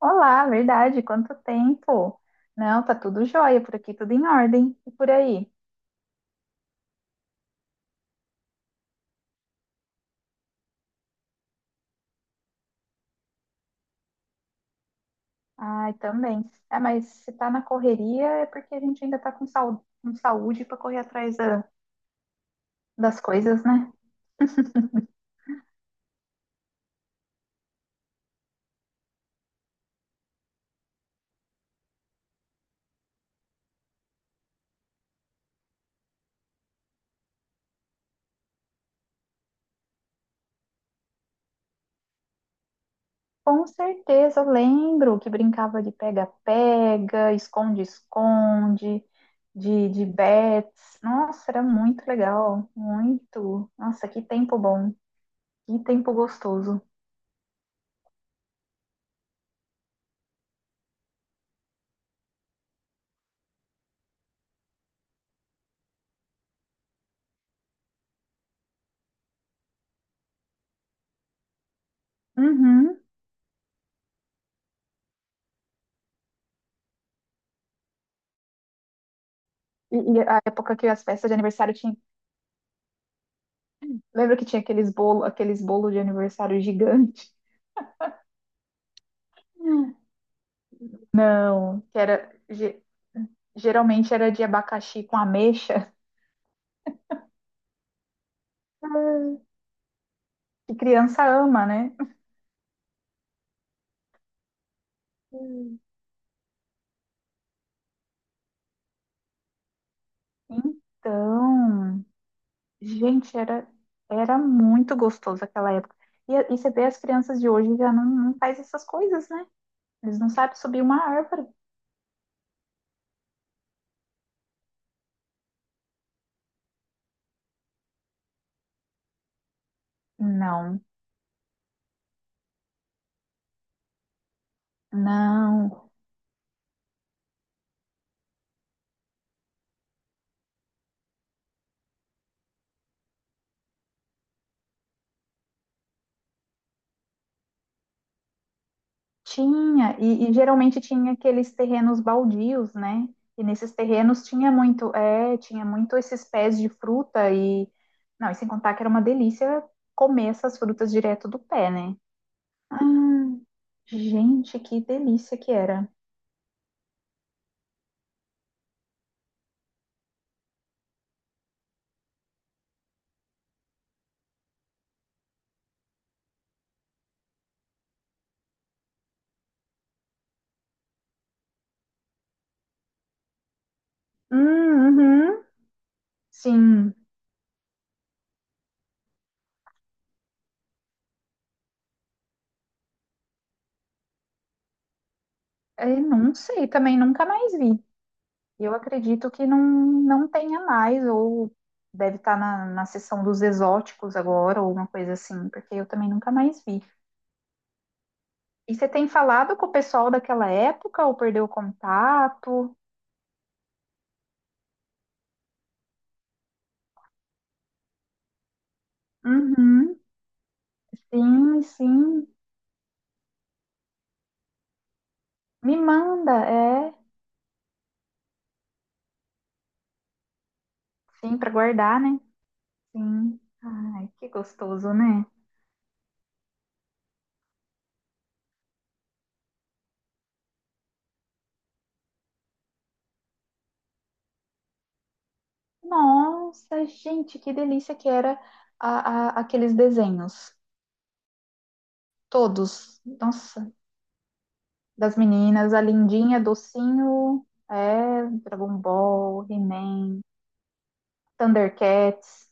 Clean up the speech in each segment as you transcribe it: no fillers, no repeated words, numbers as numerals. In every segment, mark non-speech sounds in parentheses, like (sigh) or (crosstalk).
Olá, verdade, quanto tempo? Não, tá tudo jóia por aqui, tudo em ordem. E por aí? Ai, também. É, mas se tá na correria é porque a gente ainda tá com saúde para correr atrás das coisas, né? Com certeza, eu lembro que brincava de pega-pega, esconde-esconde, de bets. Nossa, era muito legal, muito. Nossa, que tempo bom, que tempo gostoso. Uhum. E a época que as festas de aniversário tinham. Lembra que tinha aqueles bolo de aniversário gigante? Não, que era geralmente era de abacaxi com ameixa, que criança ama, né? Então, gente, era muito gostoso aquela época. E, e você vê as crianças de hoje já não, não faz essas coisas, né? Eles não sabem subir uma árvore. Não, não. Tinha, e geralmente tinha aqueles terrenos baldios, né? E nesses terrenos tinha muito, é, tinha muito esses pés de fruta e, não, e sem contar que era uma delícia comer essas frutas direto do pé, né? Ah, gente, que delícia que era. Uhum, sim. É, não sei, também nunca mais vi. Eu acredito que não, não tenha mais, ou deve estar na seção dos exóticos agora, ou uma coisa assim, porque eu também nunca mais vi. E você tem falado com o pessoal daquela época ou perdeu o contato? Uhum. Sim, sim. Me manda, é. Sim, para guardar, né? Sim. Ai, que gostoso, né? Nossa, gente, que delícia que era aqueles desenhos. Todos. Nossa, das meninas, a Lindinha, Docinho, é, Dragon Ball, He-Man, Thundercats.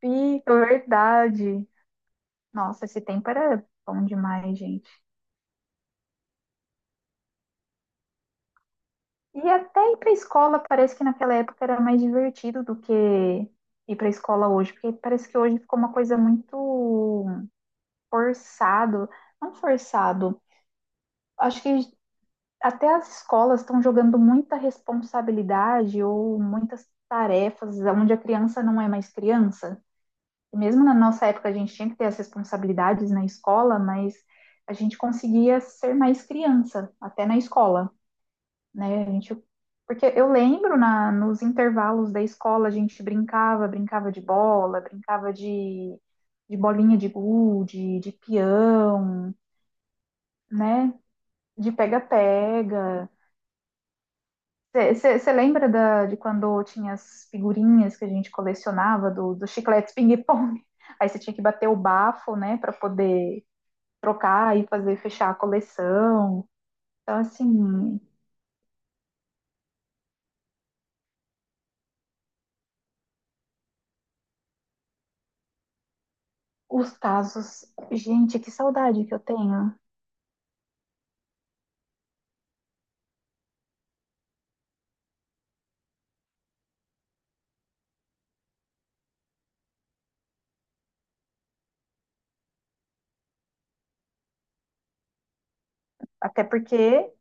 Pica, verdade. Nossa, esse tempo era bom demais, gente. E até ir para a escola parece que naquela época era mais divertido do que ir para a escola hoje, porque parece que hoje ficou uma coisa muito forçado, não forçado. Acho que até as escolas estão jogando muita responsabilidade ou muitas tarefas onde a criança não é mais criança. Mesmo na nossa época a gente tinha que ter as responsabilidades na escola, mas a gente conseguia ser mais criança até na escola. Né? A gente, porque eu lembro nos intervalos da escola a gente brincava, brincava de bola, brincava de bolinha de gude, de peão, né? De pega-pega. Você lembra da, de quando tinha as figurinhas que a gente colecionava do, do chiclete ping-pong? (laughs) Aí você tinha que bater o bafo, né, para poder trocar e fazer fechar a coleção. Então, assim, os casos. Gente, que saudade que eu tenho. Até porque,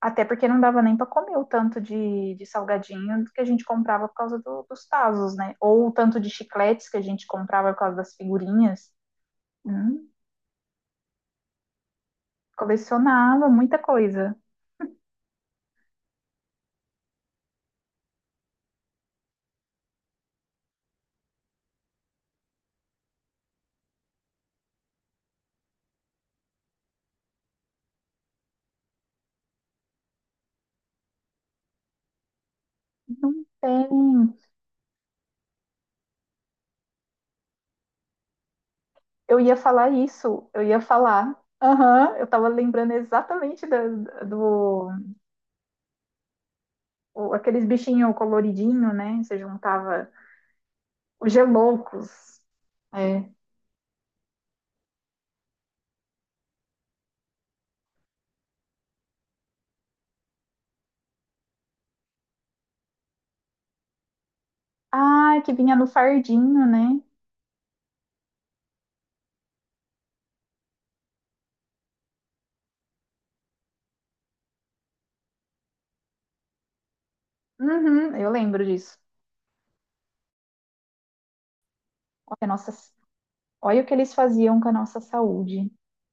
até porque não dava nem para comer o tanto de salgadinho que a gente comprava por causa dos tazos, né? Ou o tanto de chicletes que a gente comprava por causa das figurinhas. Hum, colecionava muita coisa. Não tem. Eu ia falar isso, eu ia falar. Aham, eu tava lembrando exatamente da- do, o- aqueles bichinhos coloridinhos, né? Você juntava os geloucos. É. Ah, que vinha no fardinho, né? Uhum, eu lembro disso. Olha, a nossa, olha o que eles faziam com a nossa saúde.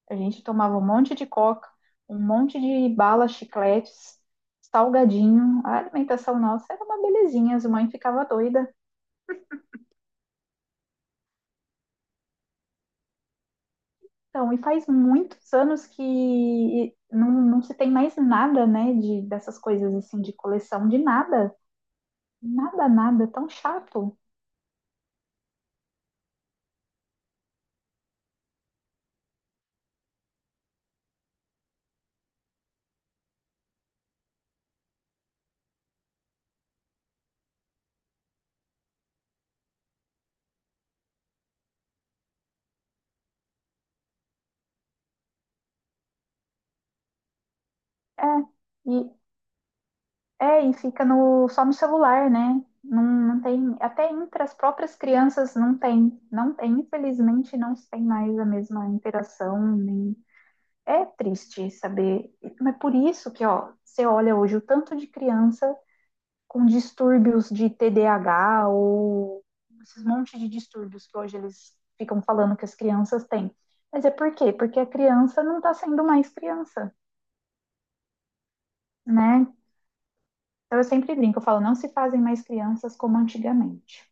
A gente tomava um monte de coca, um monte de bala, chicletes, salgadinho. A alimentação nossa era uma belezinha, as mães ficavam doidas. Então, e faz muitos anos que não, não se tem mais nada, né, de, dessas coisas assim, de coleção, de nada. Nada, nada, tão chato. É, e É, e fica no, só no celular, né? Não, não tem, até entre as próprias crianças não tem, não tem, infelizmente não tem mais a mesma interação, nem é triste saber, mas por isso que, ó, você olha hoje o tanto de criança com distúrbios de TDAH ou esses monte de distúrbios que hoje eles ficam falando que as crianças têm. Mas é por quê? Porque a criança não está sendo mais criança, né? Então eu sempre brinco, eu falo, não se fazem mais crianças como antigamente.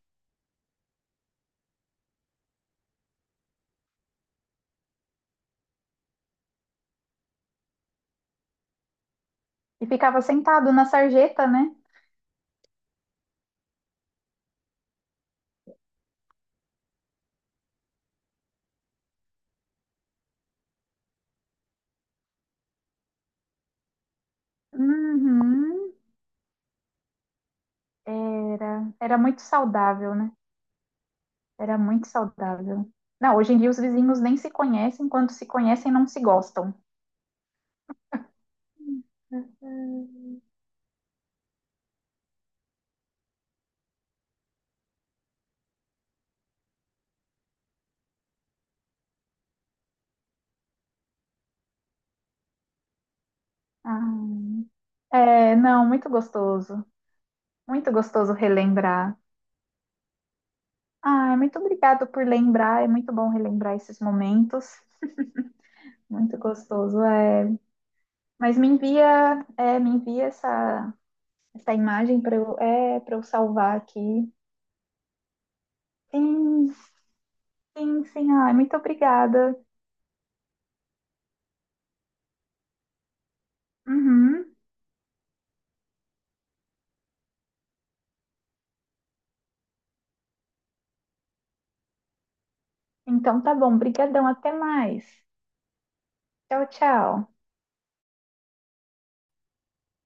E ficava sentado na sarjeta, né? Uhum. Era, era muito saudável, né? Era muito saudável. Não, hoje em dia os vizinhos nem se conhecem, quando se conhecem, não se gostam. Uhum. Ah, é, não, muito gostoso. Muito gostoso relembrar. Ah, é muito obrigado por lembrar. É muito bom relembrar esses momentos. Muito gostoso. É, mas me envia, é, me envia essa, essa imagem para eu, é, para eu salvar aqui. Sim. Sim, sim. Ai, muito obrigada. Uhum. Então tá bom. Brigadão. Até mais. Tchau, tchau.